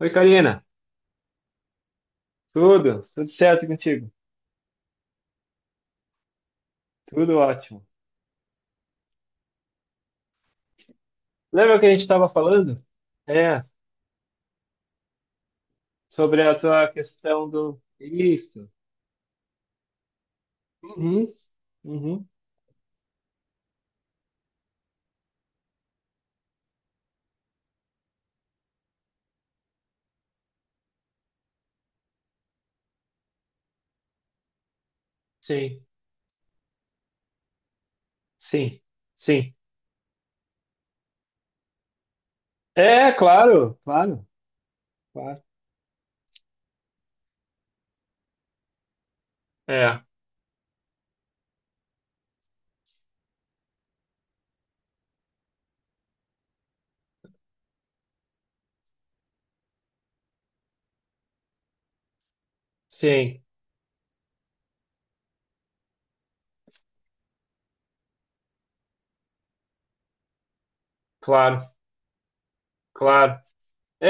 Oi, Karina. Tudo? Tudo certo contigo? Tudo ótimo. Lembra que a gente estava falando? É, Sobre a tua questão. Isso. Uhum, uhum. Sim, sim, sim. É, claro, claro, claro. É, sim, claro, claro. É,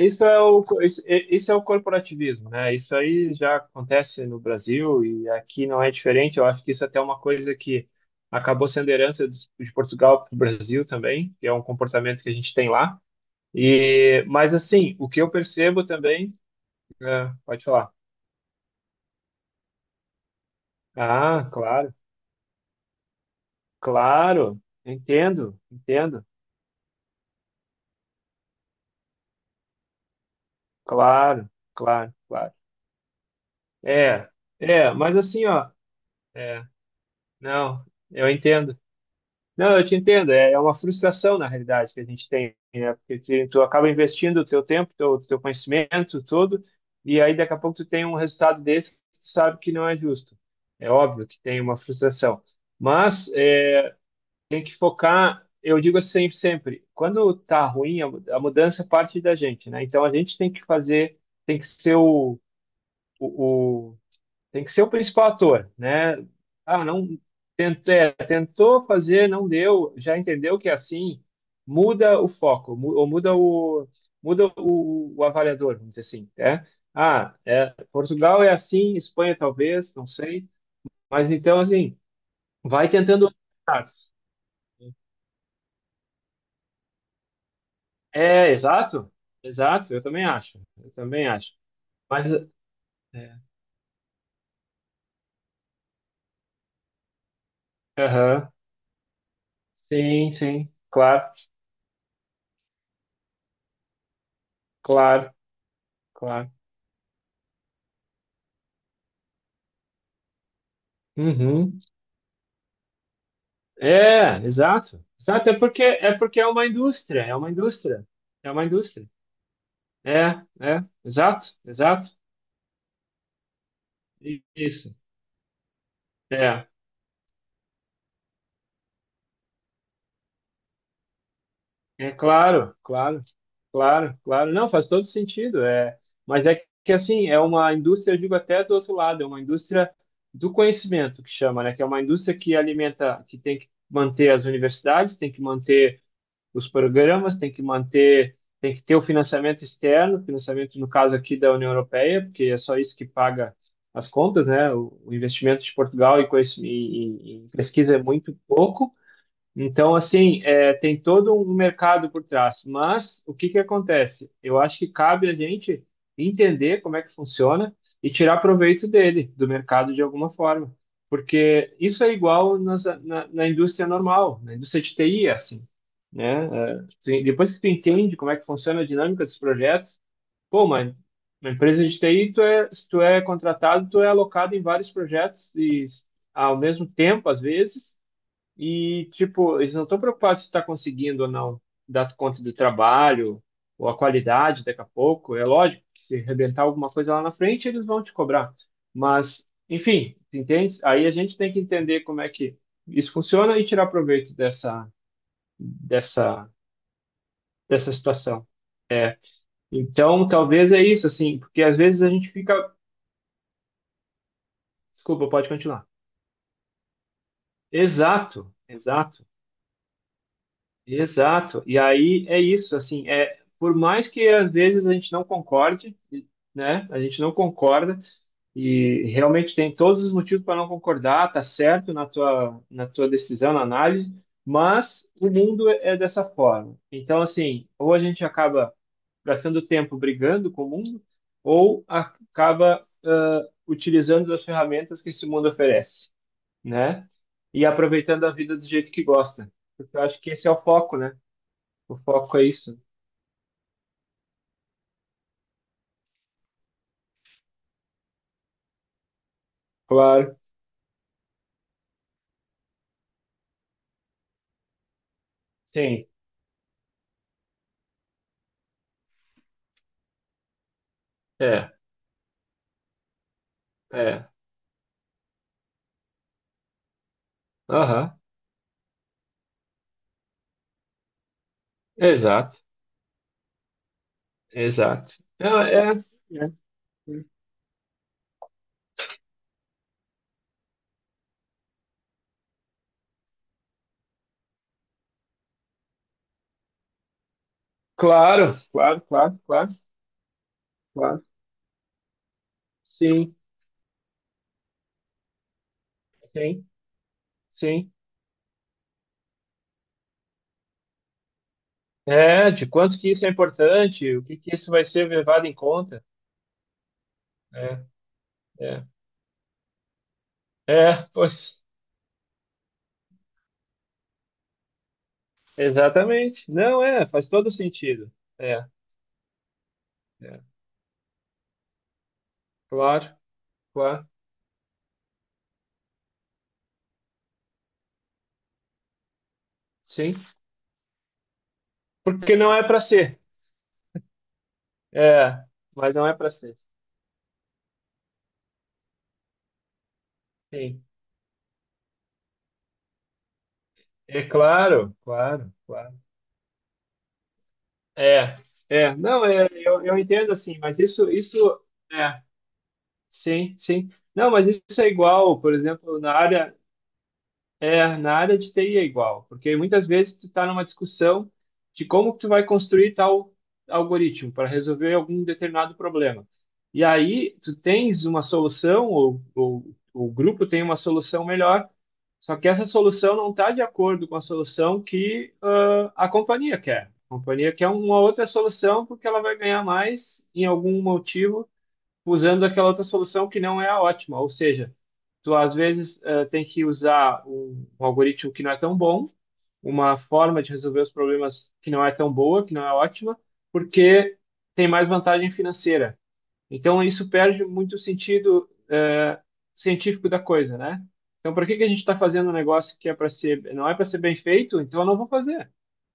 é, isso é o corporativismo, né? Isso aí já acontece no Brasil e aqui não é diferente. Eu acho que isso até é uma coisa que acabou sendo herança de Portugal para o Brasil também, que é um comportamento que a gente tem lá. E, mas assim, o que eu percebo também, pode falar. Ah, claro, claro, entendo, entendo, claro, claro, claro. É, é, mas assim, ó, é, não, eu entendo. Não, eu te entendo. É, é uma frustração, na realidade, que a gente tem, né? Porque tu acaba investindo o teu tempo, teu conhecimento todo, e aí daqui a pouco tu tem um resultado desse que tu sabe que não é justo. É óbvio que tem uma frustração. Mas é, tem que focar, eu digo assim sempre, quando tá ruim, a mudança parte da gente, né? Então a gente tem que fazer, tem que ser o, tem que ser o principal ator, né? Ah, não tentou, é, tentou fazer, não deu, já entendeu que é assim, muda o foco, ou o avaliador, vamos dizer assim, né? Ah, é, Portugal é assim, Espanha talvez, não sei, mas então assim, vai tentando outros mercados. É, exato, exato, eu também acho, eu também acho. Mas, é, aham, sim, sim, claro, claro, claro. Uhum. É, exato. Exato, é porque é uma indústria, é uma indústria, é uma indústria. É, é, exato, exato. Isso. É, é claro, claro, claro, claro. Não, faz todo sentido. É, mas é que, assim, é uma indústria, eu digo até do outro lado, é uma indústria do conhecimento que chama, né? Que é uma indústria que alimenta, que tem que manter as universidades, tem que manter os programas, tem que manter, tem que ter o financiamento externo, financiamento no caso aqui da União Europeia, porque é só isso que paga as contas, né? O investimento de Portugal em pesquisa é muito pouco. Então, assim, é, tem todo um mercado por trás. Mas o que que acontece? Eu acho que cabe a gente entender como é que funciona e tirar proveito dele, do mercado de alguma forma. Porque isso é igual na indústria normal, na indústria de TI, é assim, né? É, tu- depois que tu entende como é que funciona a dinâmica dos projetos, pô, mano, uma empresa de TI, se tu é contratado, tu é alocado em vários projetos e ao mesmo tempo, às vezes e, tipo, eles não estão preocupados se está conseguindo ou não dar conta do trabalho ou a qualidade daqui a pouco. É lógico que se arrebentar alguma coisa lá na frente, eles vão te cobrar. Mas, enfim, entende? Aí a gente tem que entender como é que isso funciona e tirar proveito dessa, dessa situação. Então, talvez é isso, assim, porque às vezes a gente fica. Desculpa, pode continuar. Exato, exato. Exato. E aí é isso, assim, é por mais que às vezes a gente não concorde, né? A gente não concorda e realmente tem todos os motivos para não concordar, tá certo na tua decisão, na análise, mas o mundo é dessa forma. Então, assim, ou a gente acaba gastando tempo brigando com o mundo, ou acaba ah, utilizando as ferramentas que esse mundo oferece, né? E aproveitando a vida do jeito que gosta. Porque eu acho que esse é o foco, né? O foco é isso. Claro. Sim. É, é. Aham. Exato. Exato. Não, é, é. Claro, claro, claro, claro, claro. Sim, sim, sim. É, de quanto que isso é importante, o que que isso vai ser levado em conta. É, é. É, pois, exatamente. Não, é, faz todo sentido. É, é. Claro, claro. Sim. Porque não é para ser. É, mas não é para ser. Sim. É claro, claro, claro. É, é, não, é, eu entendo assim, mas isso, é, sim, sim. Não, mas isso é igual, por exemplo, na área, é, na área de TI é igual, porque muitas vezes tu está numa discussão de como que tu vai construir tal algoritmo para resolver algum determinado problema. E aí tu tens uma solução, ou o grupo tem uma solução melhor, só que essa solução não está de acordo com a solução que ah, a companhia quer. A companhia quer uma outra solução porque ela vai ganhar mais em algum motivo usando aquela outra solução que não é a ótima. Ou seja, tu às vezes eh, tem que usar um algoritmo que não é tão bom, uma forma de resolver os problemas que não é tão boa, que não é ótima, porque tem mais vantagem financeira. Então isso perde muito o sentido eh, científico da coisa, né? Então, por que que a gente está fazendo um negócio que é para ser, não é para ser bem feito? Então, eu não vou fazer.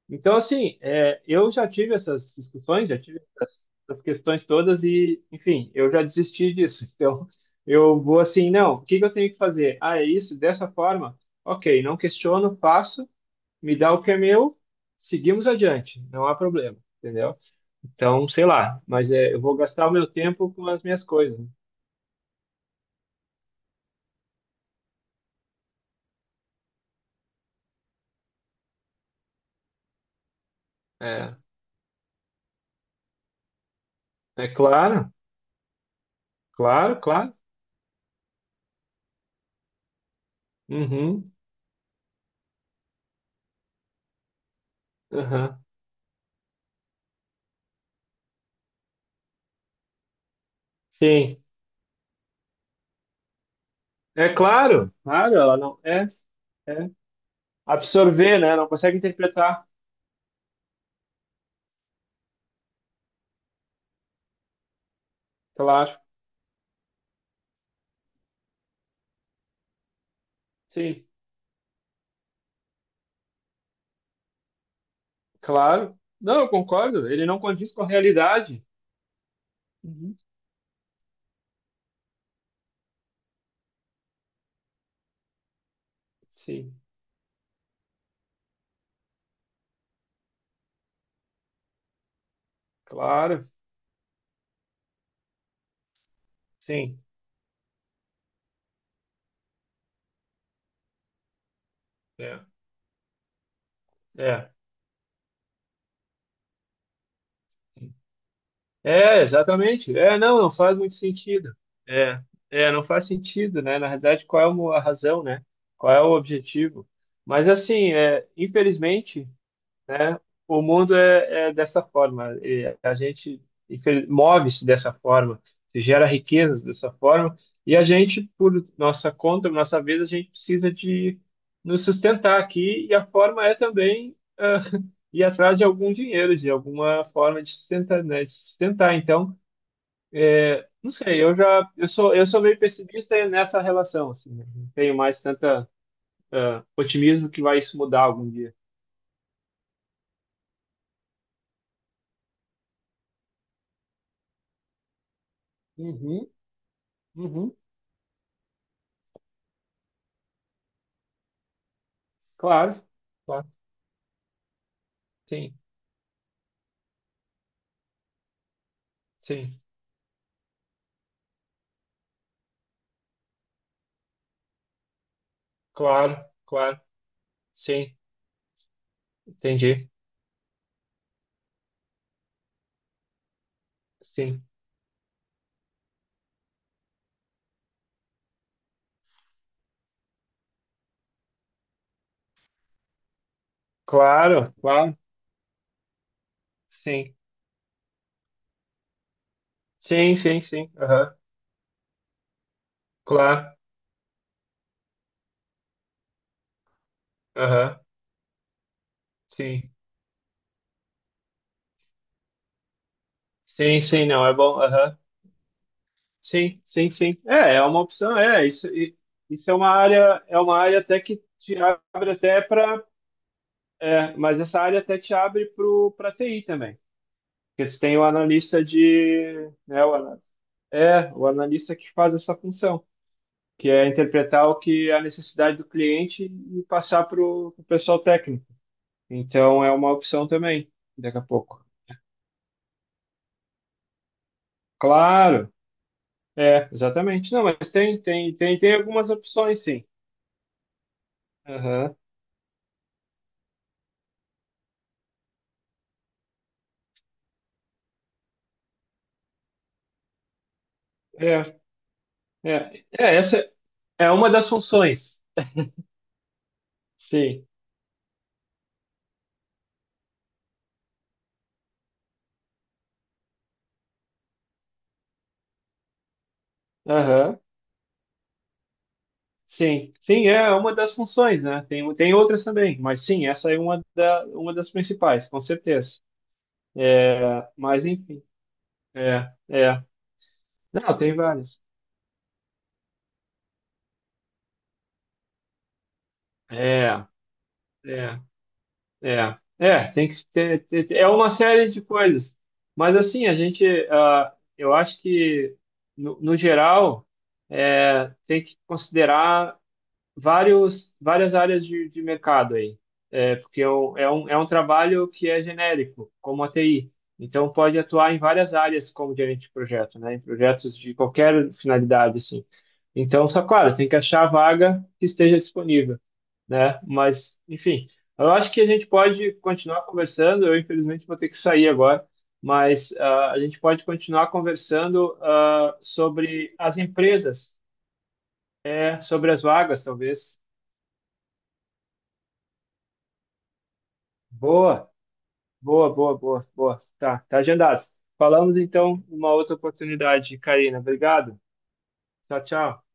Então, assim, é, eu já tive essas discussões, já tive essas, essas questões todas e, enfim, eu já desisti disso. Então, eu vou assim, não, o que que eu tenho que fazer? Ah, é isso, dessa forma? Ok, não questiono, faço, me dá o que é meu, seguimos adiante, não há problema, entendeu? Então, sei lá, mas é, eu vou gastar o meu tempo com as minhas coisas. Né? É, é claro, claro, claro. Uhum, uhum. Sim, é claro, claro, ela não é. É. Absorver, né? Não consegue interpretar. Claro, sim, claro. Não, eu concordo. Ele não condiz com a realidade. Uhum. Sim, claro, sim. É, é, é, exatamente. É, não, não faz muito sentido. É, é, não faz sentido, né? Na realidade, qual é a razão, né? Qual é o objetivo? Mas assim, é, infelizmente. Né? O mundo é, é dessa forma. E a gente move-se dessa forma, se gera riquezas dessa forma, e a gente, por nossa conta, por nossa vez, a gente precisa de nos sustentar aqui, e a forma é também ah, ir atrás de algum dinheiro, de alguma forma de sustentar, né? De sustentar. Então, não sei, eu sou meio pessimista nessa relação, assim, né? Não tenho mais tanta ah, otimismo que vai isso mudar algum dia. Uhum, uhum, claro. Claro. Sim, sim, claro, claro, sim, entendi, sim, claro, claro, sim, sim, sim, sim, aham, claro, aham, sim, sim, sim, não, é bom, aham, sim, sim, sim, é, é uma opção, é, isso, isso é uma área até que te abre até para, é, mas essa área até te abre pro, para TI também, porque você tem o analista de, né, é, o analista que faz essa função, que é interpretar o que é a necessidade do cliente e passar para o pessoal técnico. Então é uma opção também, daqui a pouco. Claro, é, exatamente. Não, mas tem algumas opções, sim. Aham. É, essa é uma das funções. Sim. Aham. Sim, sim, é uma das funções, né? Tem, tem outras também, mas sim, essa é uma, da, uma das principais, com certeza. É, mas enfim, é, é. Não, tem várias. É, é. É, é, tem que ter, é uma série de coisas. Mas assim, a gente, ah, eu acho que no geral é, tem que considerar várias áreas de mercado aí. É, porque eu, é um trabalho que é genérico, como a TI. Então, pode atuar em várias áreas como gerente de projeto, né? Em projetos de qualquer finalidade, assim. Então, só claro, tem que achar a vaga que esteja disponível, né? Mas, enfim, eu acho que a gente pode continuar conversando. Eu, infelizmente, vou ter que sair agora, mas ah, a gente pode continuar conversando ah, sobre as empresas, é, sobre as vagas, talvez. Boa, boa, boa, boa, boa. Tá, tá agendado. Falamos então numa outra oportunidade, Karina. Obrigado. Tchau, tchau.